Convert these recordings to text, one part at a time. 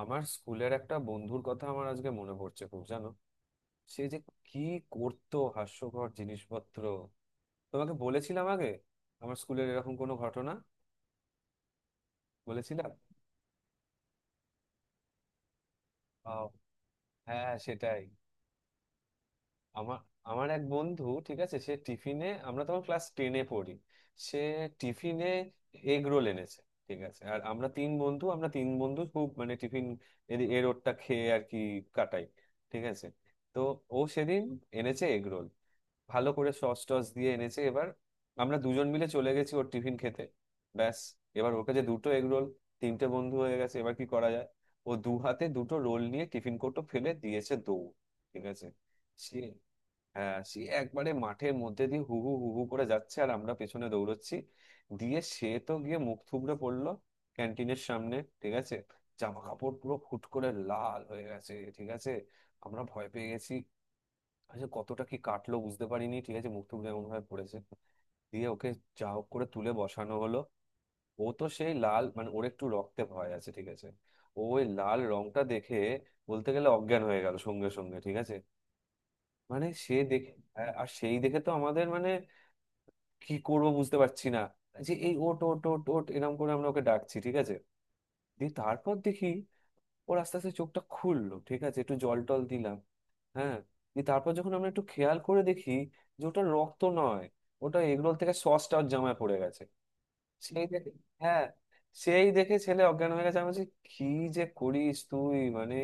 আমার স্কুলের একটা বন্ধুর কথা আমার আজকে মনে পড়ছে খুব, জানো। সে যে কি করতো হাস্যকর জিনিসপত্র! তোমাকে বলেছিলাম আগে আমার স্কুলের এরকম কোনো ঘটনা। বলেছিলাম। আহ, হ্যাঁ হ্যাঁ, সেটাই। আমার আমার এক বন্ধু, ঠিক আছে, সে টিফিনে, আমরা তখন ক্লাস টেনে পড়ি, সে টিফিনে এগ রোল এনেছে, ঠিক আছে। আর আমরা তিন বন্ধু, আমরা তিন বন্ধু খুব মানে টিফিন এর রোলটা খেয়ে আর কি কাটাই, ঠিক আছে। তো ও সেদিন এনেছে এগ রোল, ভালো করে সস টস দিয়ে এনেছে। এবার আমরা দুজন মিলে চলে গেছি ওর টিফিন খেতে। ব্যাস, এবার ওর কাছে দুটো এগ রোল, তিনটে বন্ধু হয়ে গেছে, এবার কি করা যায়। ও দু হাতে দুটো রোল নিয়ে টিফিন কোটো ফেলে দিয়েছে দৌড়, ঠিক আছে। সে, হ্যাঁ, সে একবারে মাঠের মধ্যে দিয়ে হু হু হু হু করে যাচ্ছে, আর আমরা পেছনে দৌড়চ্ছি। দিয়ে সে তো গিয়ে মুখ থুবড়ে পড়লো ক্যান্টিনের সামনে, ঠিক আছে। জামা কাপড় পুরো ফুট করে লাল হয়ে গেছে, ঠিক আছে। আমরা ভয় পেয়ে গেছি। আচ্ছা, কতটা কি কাটলো বুঝতে পারিনি, ঠিক আছে, মুখ টুক এমন ভাবে পড়েছে। দিয়ে ওকে যা হোক করে তুলে বসানো হলো। ও তো সেই লাল, মানে ওর একটু রক্তে ভয় আছে, ঠিক আছে। ও ওই লাল রংটা দেখে বলতে গেলে অজ্ঞান হয়ে গেল সঙ্গে সঙ্গে, ঠিক আছে। মানে সে দেখে, আর সেই দেখে তো আমাদের মানে কি করব বুঝতে পারছি না। যে এই ওট ওট ওট ওট এরকম করে আমরা ওকে ডাকছি, ঠিক আছে। দিয়ে তারপর দেখি ওর আস্তে আস্তে চোখটা খুললো, ঠিক আছে, একটু জল টল দিলাম। হ্যাঁ। দিয়ে তারপর যখন আমরা একটু খেয়াল করে দেখি যে ওটা রক্ত নয়, ওটা এগরোল থেকে সসটা ওর জামায় পড়ে গেছে। সেই দেখে, হ্যাঁ, সেই দেখে ছেলে অজ্ঞান হয়ে গেছে। আমি বলছি কি যে করিস তুই মানে।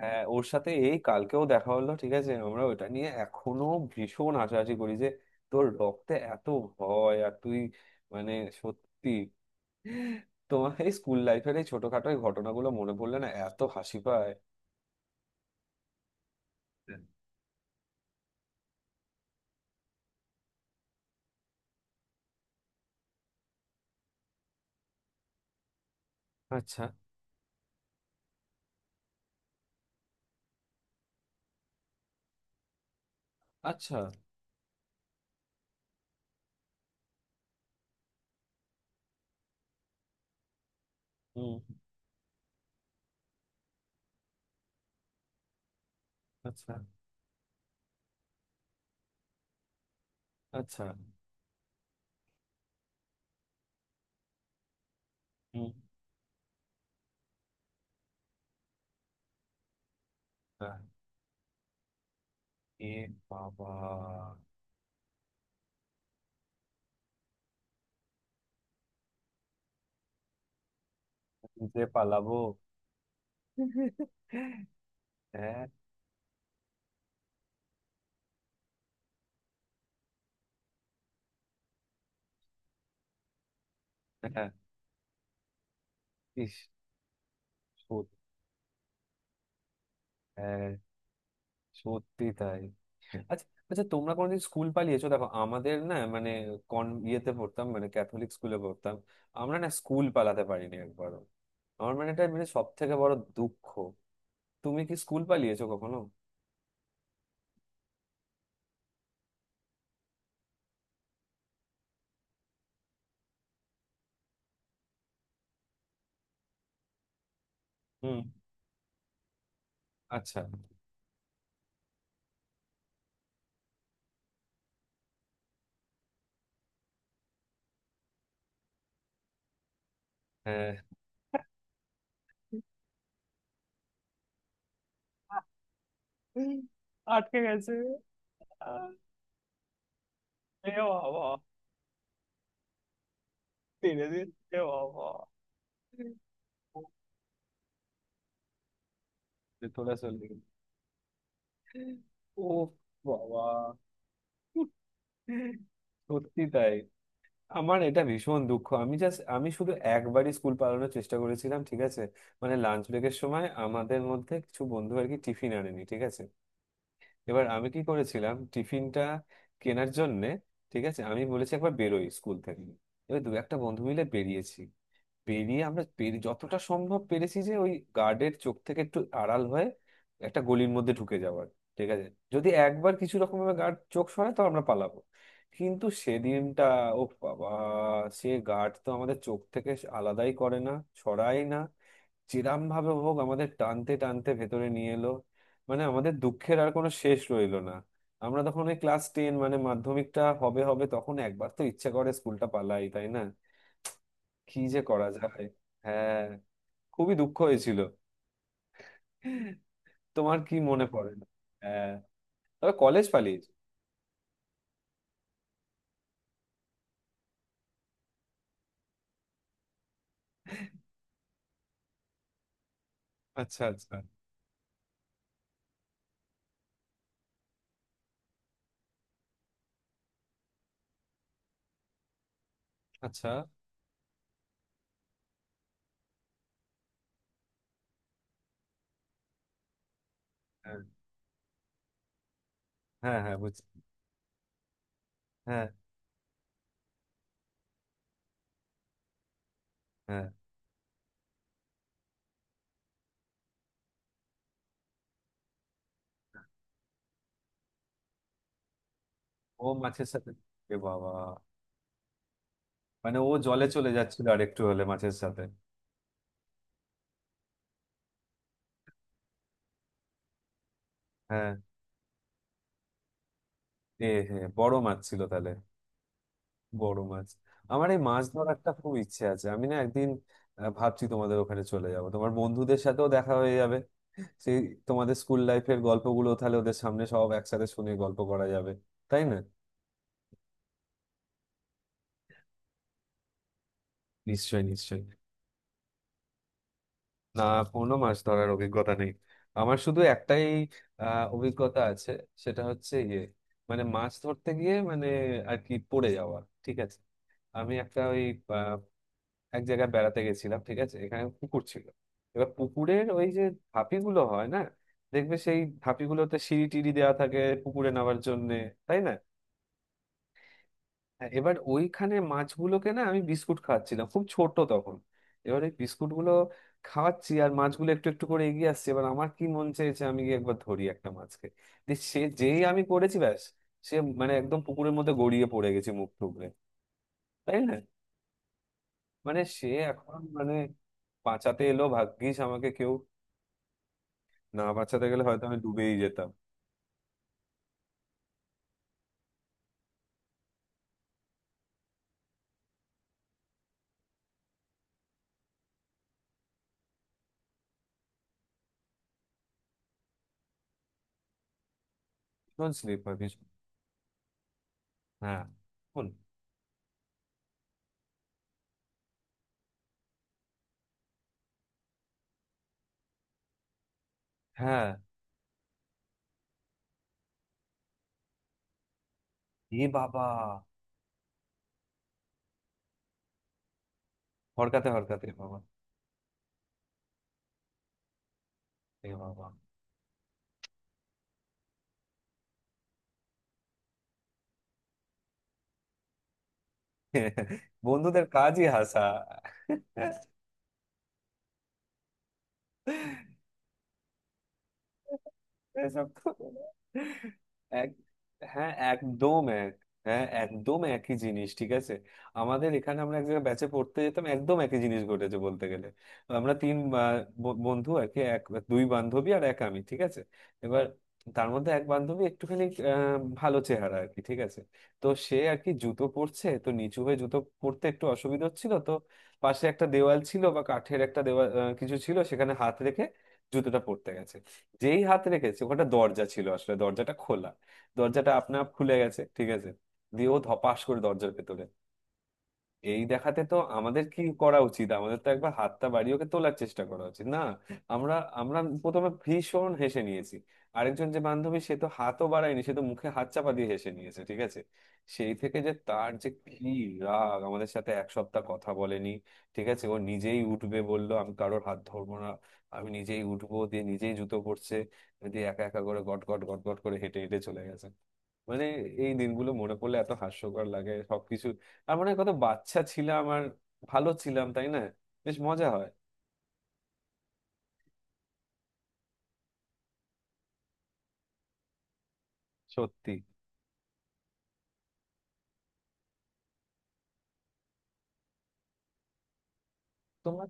হ্যাঁ, ওর সাথে এই কালকেও দেখা হলো, ঠিক আছে, আমরা ওটা নিয়ে এখনো ভীষণ হাসাহাসি করি যে তোর রক্তে এত ভয় আর তুই মানে সত্যি। তোমার এই স্কুল লাইফের এই ছোটখাটো এই ঘটনাগুলো মনে পড়লে না, এত হাসি পায়। আচ্ছা আচ্ছা। হুম। আচ্ছা আচ্ছা। হুম। আহ, এ বাবা! যে পালাবো। হ্যাঁ হ্যাঁ। ইস। সত- হ্যাঁ, সত্যি তাই। আচ্ছা আচ্ছা, তোমরা কোনোদিন স্কুল পালিয়েছো? দেখো, আমাদের না, মানে কন ইয়েতে পড়তাম, মানে ক্যাথলিক স্কুলে পড়তাম, আমরা না স্কুল পালাতে পারিনি একবারও। আমার মানে এটা মানে সব থেকে বড় দুঃখ। তুমি কি স্কুল পালিয়েছো কখনো? হুম। আচ্ছা। হ্যাঁ, আটকে গেছে। আহ, এ বাবা! টেনে দিন। এ বাবা! যে তোরা চলে গেলি। ও বাবা! সত্যি তাই। আমার এটা ভীষণ দুঃখ, আমি জাস্ট, আমি শুধু একবারই স্কুল পালানোর চেষ্টা করেছিলাম, ঠিক আছে। মানে লাঞ্চ ব্রেকের সময় আমাদের মধ্যে কিছু বন্ধু আর কি টিফিন আনেনি, ঠিক আছে। এবার আমি কি করেছিলাম, টিফিনটা কেনার জন্যে, ঠিক আছে, আমি বলেছি একবার বেরোই স্কুল থেকে। এবার দু একটা বন্ধু মিলে বেরিয়েছি, বেরিয়ে আমরা পেরে যতটা সম্ভব পেরেছি যে ওই গার্ডের চোখ থেকে একটু আড়াল হয়ে একটা গলির মধ্যে ঢুকে যাওয়ার, ঠিক আছে। যদি একবার কিছু রকম ভাবে গার্ড চোখ সরায় তো আমরা পালাবো। কিন্তু সেদিনটা, ও বাবা, সে গার্ড তো আমাদের চোখ থেকে আলাদাই করে না, সরায় না। চিরাম ভাবে হোক আমাদের টানতে টানতে ভেতরে নিয়ে এলো। মানে আমাদের দুঃখের আর কোনো শেষ রইলো না। আমরা তখন ওই ক্লাস টেন, মানে মাধ্যমিকটা হবে হবে, তখন একবার তো ইচ্ছে করে স্কুলটা পালাই, তাই না। কি যে করা যায়। হ্যাঁ, খুবই দুঃখ হয়েছিল। তোমার কি মনে পড়ে না? হ্যাঁ, তবে কলেজ পালিয়েছি। আচ্ছা আচ্ছা। আচ্ছা। হ্যাঁ হ্যাঁ হ্যাঁ, বুঝছি। হ্যাঁ। হ্যাঁ। ও মাছের সাথে, এ বাবা! মানে ও জলে চলে যাচ্ছিল, আর একটু হলে মাছের সাথে। হ্যাঁ। এ হে, বড় মাছ ছিল তাহলে, বড় মাছ। আমার এই মাছ ধরার একটা খুব ইচ্ছে আছে, আমি না একদিন, ভাবছি তোমাদের ওখানে চলে যাব, তোমার বন্ধুদের সাথেও দেখা হয়ে যাবে, সেই তোমাদের স্কুল লাইফের গল্পগুলো তাহলে ওদের সামনে সব একসাথে শুনে গল্প করা যাবে, তাই না। নিশ্চয়ই নিশ্চয়ই। না, কোনো মাছ ধরার অভিজ্ঞতা নেই। আমার শুধু একটাই অভিজ্ঞতা আছে, সেটা হচ্ছে ইয়ে, মানে মাছ ধরতে গিয়ে মানে আর কি পড়ে যাওয়া, ঠিক আছে। আমি একটা ওই এক জায়গায় বেড়াতে গেছিলাম, ঠিক আছে, এখানে পুকুর ছিল। এবার পুকুরের ওই যে ধাপিগুলো হয় না, দেখবে সেই ধাপিগুলোতে সিঁড়ি টিড়ি দেওয়া থাকে পুকুরে নামার জন্য, তাই না। হ্যাঁ, এবার ওইখানে মাছগুলোকে না আমি বিস্কুট খাওয়াচ্ছিলাম, খুব ছোট তখন। এবার ওই বিস্কুটগুলো খাওয়াচ্ছি আর মাছগুলো একটু একটু করে এগিয়ে আসছে, এবার আমার কি মন চেয়েছে আমি গিয়ে একবার ধরি একটা মাছকে। দিয়ে সে যেই আমি করেছি, ব্যাস, সে মানে একদম পুকুরের মধ্যে গড়িয়ে পড়ে গেছে মুখ টুকরে, তাই না। মানে সে এখন মানে বাঁচাতে এলো ভাগ্যিস আমাকে কেউ, না বাঁচাতে গেলে হয়তো আমি ডুবেই যেতাম। ভীষণ স্লিপ, ভাগ্যিস। হ্যাঁ। শোন, হ্যাঁ। এ বাবা! হরকাতে হরকাতে, এ বাবা! এ বাবা! বন্ধুদের কাজই হাসা। এসব তো এক, হ্যাঁ, একদম এক, হ্যাঁ একদম একই জিনিস, ঠিক আছে। আমাদের এখানে আমরা এক জায়গায় ব্যাচে পড়তে যেতাম, একদম একই জিনিস ঘটেছে বলতে গেলে। আমরা তিন, আহ, বন্ধু আর কি, এক দুই বান্ধবী আর এক আমি, ঠিক আছে। এবার তার মধ্যে এক বান্ধবী একটুখানি ভালো চেহারা আর কি, ঠিক আছে। তো সে আর কি জুতো পরছে, তো নিচু হয়ে জুতো পরতে একটু অসুবিধা হচ্ছিল, তো পাশে একটা দেওয়াল ছিল বা কাঠের একটা দেওয়াল কিছু ছিল, সেখানে হাত রেখে জুতোটা পরতে গেছে। যেই হাত রেখেছে, ওখানে দরজা ছিল আসলে, দরজাটা খোলা, দরজাটা আপনা আপ খুলে গেছে, ঠিক আছে। দিয়ে ও ধপাস করে দরজার ভেতরে। এই দেখাতে তো আমাদের কি করা উচিত, আমাদের তো একবার হাতটা বাড়িয়ে ওকে তোলার চেষ্টা করা উচিত না? আমরা আমরা প্রথমে ভীষণ হেসে নিয়েছি। আরেকজন যে বান্ধবী সে তো হাতও বাড়ায়নি, সে তো মুখে হাত চাপা দিয়ে হেসে নিয়েছে, ঠিক আছে। সেই থেকে যে তার যে কি রাগ, আমাদের সাথে এক সপ্তাহ কথা বলেনি, ঠিক আছে। ও নিজেই উঠবে বললো, আমি কারোর হাত ধরবো না, আমি নিজেই উঠবো, দিয়ে নিজেই জুতো পরছে, দিয়ে একা একা করে গট গট গট গট করে হেঁটে হেঁটে চলে গেছে। মানে এই দিনগুলো মনে পড়লে এত হাস্যকর লাগে সবকিছু, আর মনে হয় কত বাচ্চা ছিলাম আর ভালো ছিলাম, তাই না, বেশ মজা হয়। সত্যি। তোমার।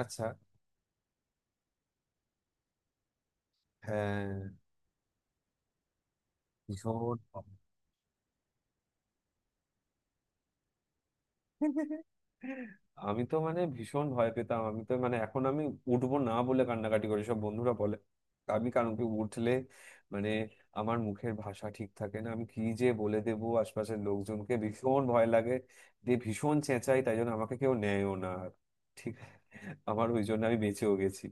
আচ্ছা। হ্যাঁ। ভীষণ। আমি তো মানে ভীষণ ভয় পেতাম, আমি তো মানে এখন আমি উঠবো না বলে কান্নাকাটি করি, সব বন্ধুরা বলে আমি, কারণ কি, উঠলে মানে আমার মুখের ভাষা ঠিক থাকে না, আমি কি যে বলে দেবো আশপাশের লোকজনকে, ভীষণ ভয় লাগে, দিয়ে ভীষণ চেঁচাই, তাই জন্য আমাকে কেউ নেয়ও না আর। ঠিক আছে, আমার ওই জন্য আমি বেঁচেও গেছি।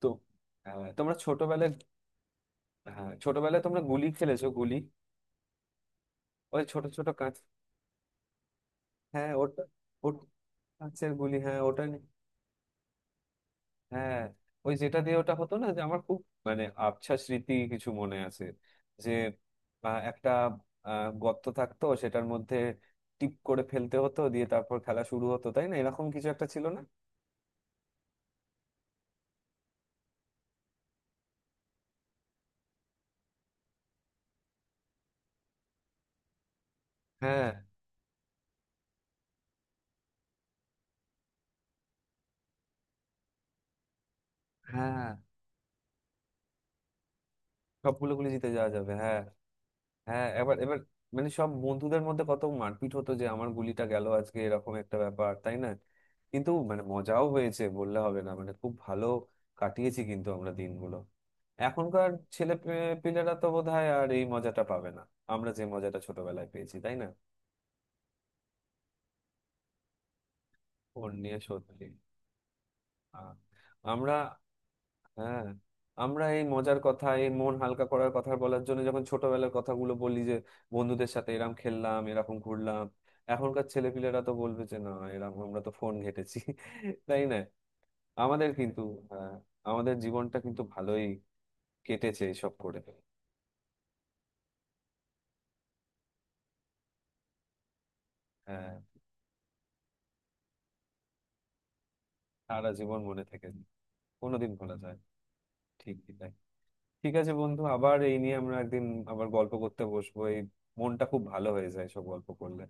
তো তোমরা ছোটবেলায়, হ্যাঁ ছোটবেলায় তোমরা গুলি খেলেছো, গুলি, ওই ছোট ছোট কাঁচ। হ্যাঁ ওটা, ওট- কাঁচের গুলি, হ্যাঁ ওটা। হ্যাঁ ওই যেটা দিয়ে, ওটা হতো না যে, আমার খুব মানে আবছা স্মৃতি কিছু মনে আছে যে একটা গর্ত থাকতো, সেটার মধ্যে টিপ করে ফেলতে হতো, দিয়ে তারপর খেলা শুরু হতো, তাই না, এরকম কিছু একটা ছিল না। হ্যাঁ। হ্যাঁ, সবগুলো গুলি জিতে যাওয়া যাবে, হ্যাঁ। হ্যাঁ, এবার এবার মানে সব বন্ধুদের মধ্যে কত মারপিট হতো যে আমার গুলিটা গেল আজকে এরকম একটা ব্যাপার, তাই না। কিন্তু মানে মজাও হয়েছে বললে হবে না, মানে খুব ভালো কাটিয়েছি কিন্তু আমরা দিনগুলো। এখনকার পিলেরা তো বোধহয় আর এই মজাটা পাবে না, আমরা যে মজাটা ছোটবেলায় পেয়েছি, তাই না। ওর নিয়ে সত্যি। আহ, আমরা, হ্যাঁ, আমরা এই মজার কথা এই মন হালকা করার কথা বলার জন্য যখন ছোটবেলার কথাগুলো বলি যে বন্ধুদের সাথে এরম খেললাম, এরকম ঘুরলাম, এখনকার ছেলেপিলেরা তো বলবে যে না, এরকম আমরা তো ফোন ঘেঁটেছি। তাই না। আমাদের কিন্তু হ্যাঁ, আমাদের জীবনটা কিন্তু ভালোই কেটেছে এইসব করে। হ্যাঁ, সারা জীবন মনে থাকে, কোনোদিন ভোলা যায় না। ঠিকই তাই। ঠিক আছে বন্ধু, আবার এই নিয়ে আমরা একদিন আবার গল্প করতে বসবো, এই মনটা খুব ভালো হয়ে যায় সব গল্প করলে।